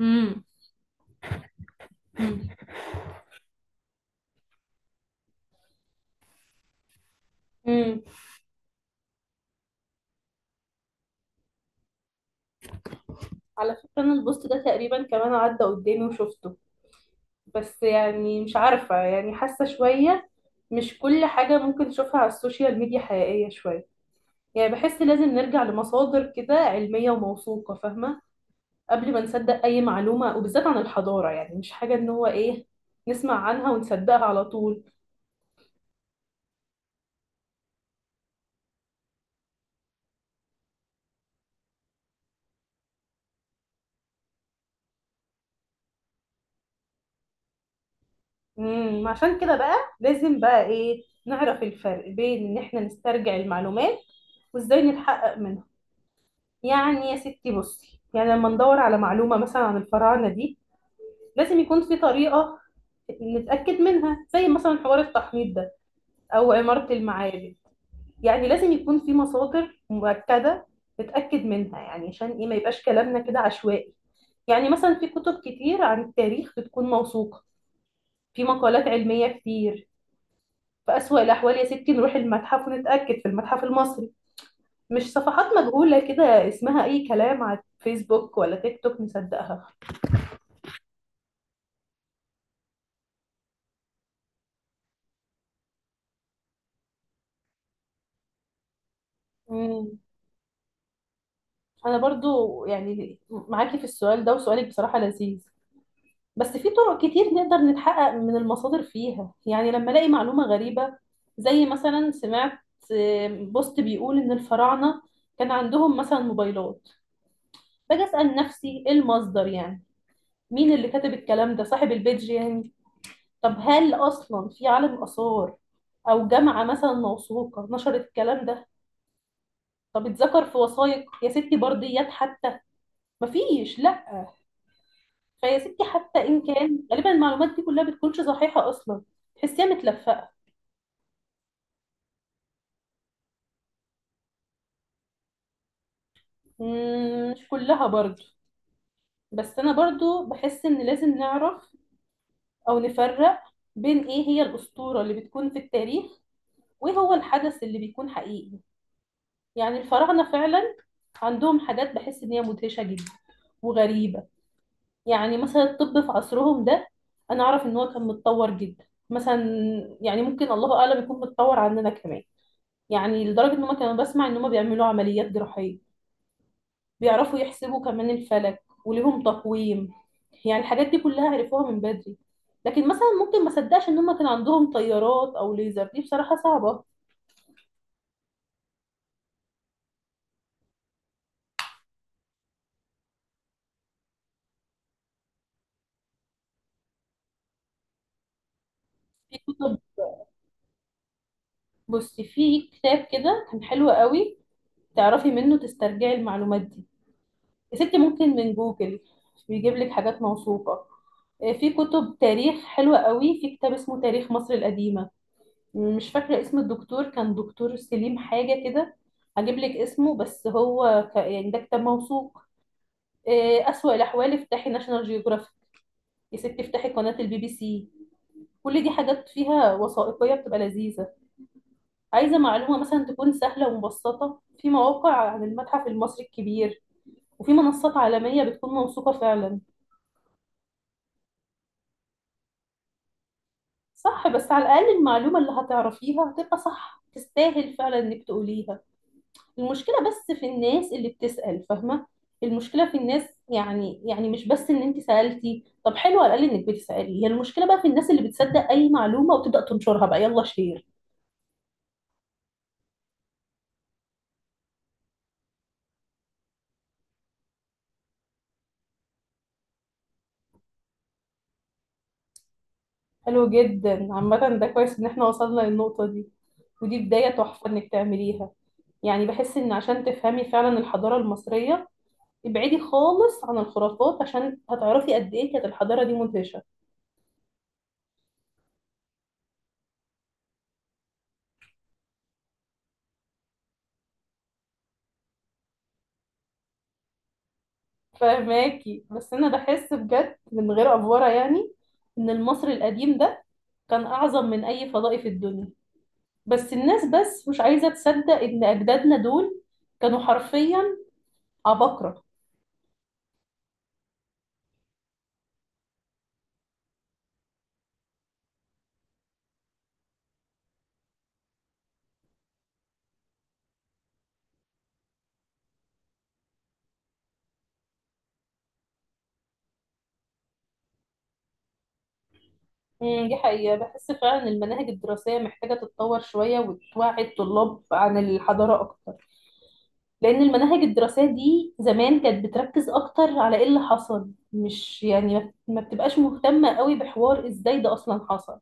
امم. امم. امم. على فكرة انا البوست ده تقريبا كمان عدى قدامي وشفته، بس يعني مش عارفة، يعني حاسة شوية مش كل حاجة ممكن تشوفها على السوشيال ميديا حقيقية. شوية يعني بحس لازم نرجع لمصادر كده علمية وموثوقة، فاهمة، قبل ما نصدق أي معلومة وبالذات عن الحضارة، يعني مش حاجة إن هو إيه نسمع عنها ونصدقها على طول. عشان كده بقى لازم بقى إيه نعرف الفرق بين إن إحنا نسترجع المعلومات وإزاي نتحقق منها. يعني يا ستي بصي، يعني لما ندور على معلومة مثلا عن الفراعنة دي، لازم يكون في طريقة نتأكد منها، زي مثلا حوار التحنيط ده أو عمارة المعابد. يعني لازم يكون في مصادر مؤكدة نتأكد منها، يعني عشان إيه ما يبقاش كلامنا كده عشوائي. يعني مثلا في كتب كتير عن التاريخ بتكون موثوقة، في مقالات علمية كتير. في أسوأ الأحوال يا ستي نروح المتحف ونتأكد في المتحف المصري، مش صفحات مجهولة كده اسمها أي كلام على فيسبوك ولا تيك توك نصدقها. مم. انا برضو يعني معاكي في السؤال ده، وسؤالك بصراحة لذيذ. بس في طرق كتير نقدر نتحقق من المصادر فيها. يعني لما الاقي معلومة غريبة زي مثلا سمعت بوست بيقول ان الفراعنة كان عندهم مثلا موبايلات، باجي اسأل نفسي ايه المصدر يعني، مين اللي كتب الكلام ده، صاحب البيج يعني. طب هل اصلا في عالم آثار او جامعة مثلا موثوقة نشرت الكلام ده؟ طب اتذكر في وثائق يا ستي، برديات حتى، مفيش لا. فيا ستي، حتى ان كان غالبا المعلومات دي كلها بتكونش صحيحه اصلا، تحسيها متلفقه. مش كلها برضو، بس انا برضو بحس ان لازم نعرف او نفرق بين ايه هي الاسطوره اللي بتكون في التاريخ، وايه هو الحدث اللي بيكون حقيقي. يعني الفراعنه فعلا عندهم حاجات بحس ان هي مدهشه جدا وغريبه. يعني مثلا الطب في عصرهم ده، انا اعرف ان هو كان متطور جدا مثلا، يعني ممكن الله اعلم يكون متطور عننا كمان. يعني لدرجة ان هم كانوا بسمع ان هم بيعملوا عمليات جراحية، بيعرفوا يحسبوا كمان الفلك وليهم تقويم. يعني الحاجات دي كلها عرفوها من بدري. لكن مثلا ممكن ما صدقش ان هم كان عندهم طيارات او ليزر، دي بصراحة صعبة. في كتب، بصي في كتاب كده كان حلو قوي تعرفي منه تسترجعي المعلومات دي. يا ستي ممكن من جوجل بيجيب لك حاجات موثوقة. في كتب تاريخ حلوة قوي. في كتاب اسمه تاريخ مصر القديمة، مش فاكرة اسم الدكتور، كان دكتور سليم حاجة كده، هجيب لك اسمه. بس هو يعني ده كتاب موثوق. أسوأ الأحوال افتحي ناشونال جيوغرافيك، يا ستي افتحي قناة البي بي سي. كل دي حاجات فيها وثائقية بتبقى لذيذة. عايزة معلومة مثلا تكون سهلة ومبسطة، في مواقع عن المتحف المصري الكبير وفي منصات عالمية بتكون موثوقة فعلا. صح بس على الأقل المعلومة اللي هتعرفيها هتبقى صح، تستاهل فعلا إنك تقوليها. المشكلة بس في الناس اللي بتسأل، فاهمة. المشكلة في الناس، يعني مش بس ان انت سألتي، طب حلو على الأقل انك بتسألي، هي المشكلة بقى في الناس اللي بتصدق اي معلومة وتبدأ تنشرها، بقى يلا شير. حلو جدا، عامة ده كويس ان احنا وصلنا للنقطة دي، ودي بداية تحفة انك تعمليها. يعني بحس ان عشان تفهمي فعلا الحضارة المصرية، ابعدي خالص عن الخرافات، عشان هتعرفي قد ايه كانت الحضارة دي مدهشة. فاهماكي، بس انا بحس بجد من غير افورة يعني ان المصري القديم ده كان أعظم من أي فضائي في الدنيا. بس الناس بس مش عايزة تصدق إن أجدادنا دول كانوا حرفيا عباقرة. دي حقيقة، بحس فعلا إن المناهج الدراسية محتاجة تتطور شوية وتوعي الطلاب عن الحضارة أكتر. لأن المناهج الدراسية دي زمان كانت بتركز أكتر على إيه اللي حصل، مش يعني ما بتبقاش مهتمة قوي بحوار إزاي ده أصلا حصل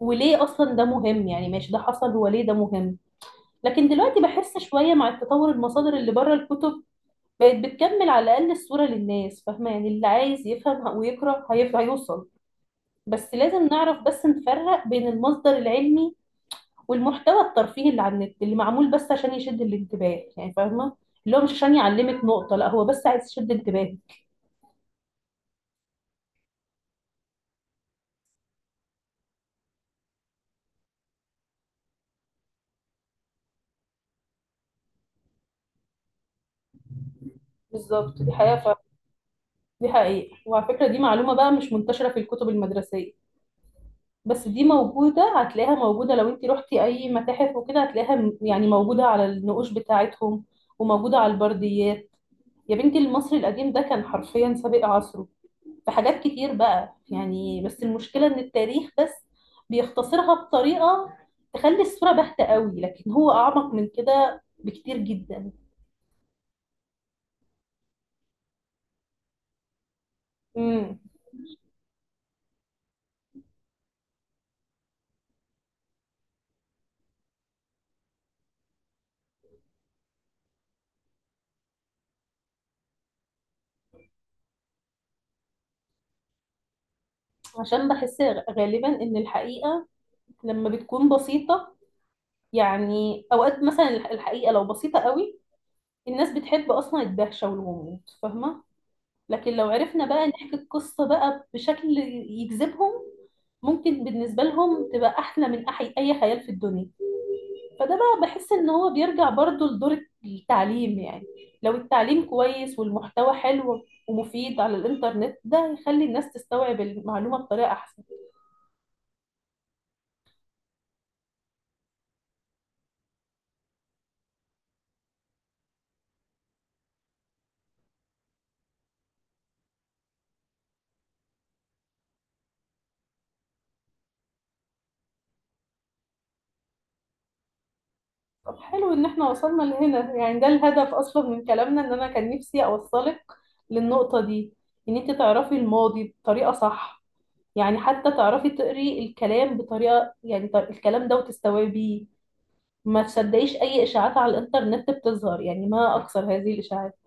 وليه أصلا ده مهم. يعني ماشي ده حصل وليه ده مهم؟ لكن دلوقتي بحس شوية مع التطور، المصادر اللي بره الكتب بقت بتكمل على الأقل الصورة للناس، فاهمة. يعني اللي عايز يفهم ويقرأ هيوصل. بس لازم نعرف بس نفرق بين المصدر العلمي والمحتوى الترفيهي اللي على النت، اللي معمول بس عشان يشد الانتباه، يعني فاهمة، اللي هو مش عشان يعلمك نقطة، لا هو بس عايز يشد انتباهك. بالظبط دي حقيقة دي حقيقة. وعلى فكرة دي معلومة بقى مش منتشرة في الكتب المدرسية، بس دي موجودة، هتلاقيها موجودة لو انت رحتي أي متاحف وكده، هتلاقيها يعني موجودة على النقوش بتاعتهم وموجودة على البرديات. يا بنتي المصري القديم ده كان حرفيا سابق عصره. في حاجات كتير بقى يعني، بس المشكلة ان التاريخ بس بيختصرها بطريقة تخلي الصورة باهتة قوي، لكن هو اعمق من كده بكتير جدا. امم. عشان بحس غالبا ان الحقيقة لما بتكون بسيطة، يعني اوقات مثلا الحقيقة لو بسيطة قوي، الناس بتحب اصلا الدهشة والغموض، فاهمة. لكن لو عرفنا بقى نحكي القصة بقى بشكل يجذبهم، ممكن بالنسبة لهم تبقى أحلى من أي خيال في الدنيا. فده بقى بحس إن هو بيرجع برضو لدور التعليم. يعني لو التعليم كويس والمحتوى حلو ومفيد على الإنترنت، ده يخلي الناس تستوعب المعلومة بطريقة أحسن. طب حلو إن إحنا وصلنا لهنا، يعني ده الهدف أصلا من كلامنا، إن أنا كان نفسي أوصلك للنقطة دي، إن أنت تعرفي الماضي بطريقة صح. يعني حتى تعرفي تقري الكلام بطريقة يعني الكلام ده وتستوعبيه، ما تصدقيش أي إشاعات على الإنترنت بتظهر، يعني ما أكثر هذه الإشاعات.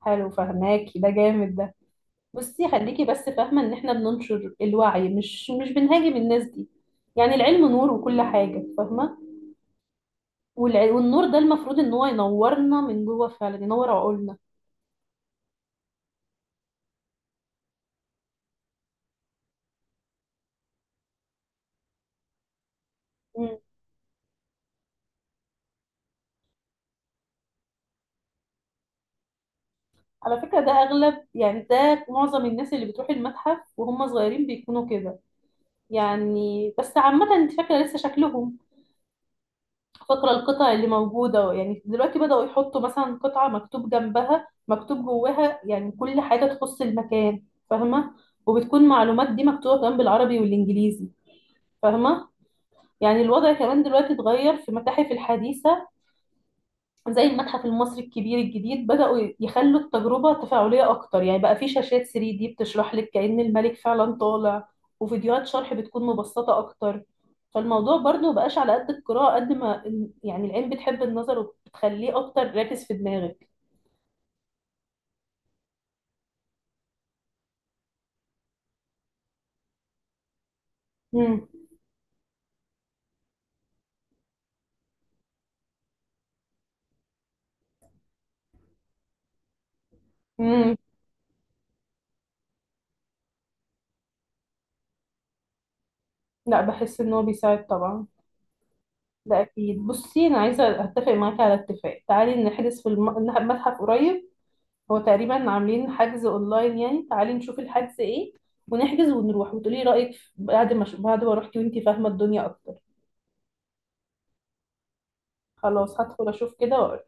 حلو فهماكي، ده جامد ده. بصي خليكي بس فاهمة إن إحنا بننشر الوعي، مش بنهاجم الناس دي. يعني العلم نور وكل حاجة، فاهمة. والنور ده المفروض إن هو ينورنا من جوه، فعلا ينور عقولنا. مم. على فكرة ده أغلب، يعني ده معظم الناس اللي بتروح المتحف وهم صغيرين بيكونوا كده، يعني. بس عامة انت فاكرة لسه شكلهم، فاكرة القطع اللي موجودة. يعني دلوقتي بدأوا يحطوا مثلا قطعة مكتوب جنبها مكتوب جواها، يعني كل حاجة تخص المكان، فاهمة. وبتكون المعلومات دي مكتوبة كمان بالعربي والإنجليزي، فاهمة. يعني الوضع كمان دلوقتي اتغير في المتاحف الحديثة، زي المتحف المصري الكبير الجديد، بدأوا يخلوا التجربة تفاعلية أكتر، يعني بقى في شاشات 3 دي بتشرح لك كأن الملك فعلا طالع، وفيديوهات شرح بتكون مبسطة أكتر. فالموضوع برضه مبقاش على قد القراءة قد ما يعني العين بتحب النظر وبتخليه أكتر راكز في دماغك. مم. مم. لا بحس إن هو بيساعد طبعا، ده أكيد. بصي أنا عايزة أتفق معاكي على اتفاق، تعالي نحجز في المتحف قريب، هو تقريبا عاملين حجز اونلاين يعني، تعالي نشوف الحجز ايه، ونحجز ونروح وتقولي رأيك بعد ما روحتي وانتي فاهمة الدنيا اكتر. خلاص هدخل اشوف كده واقول.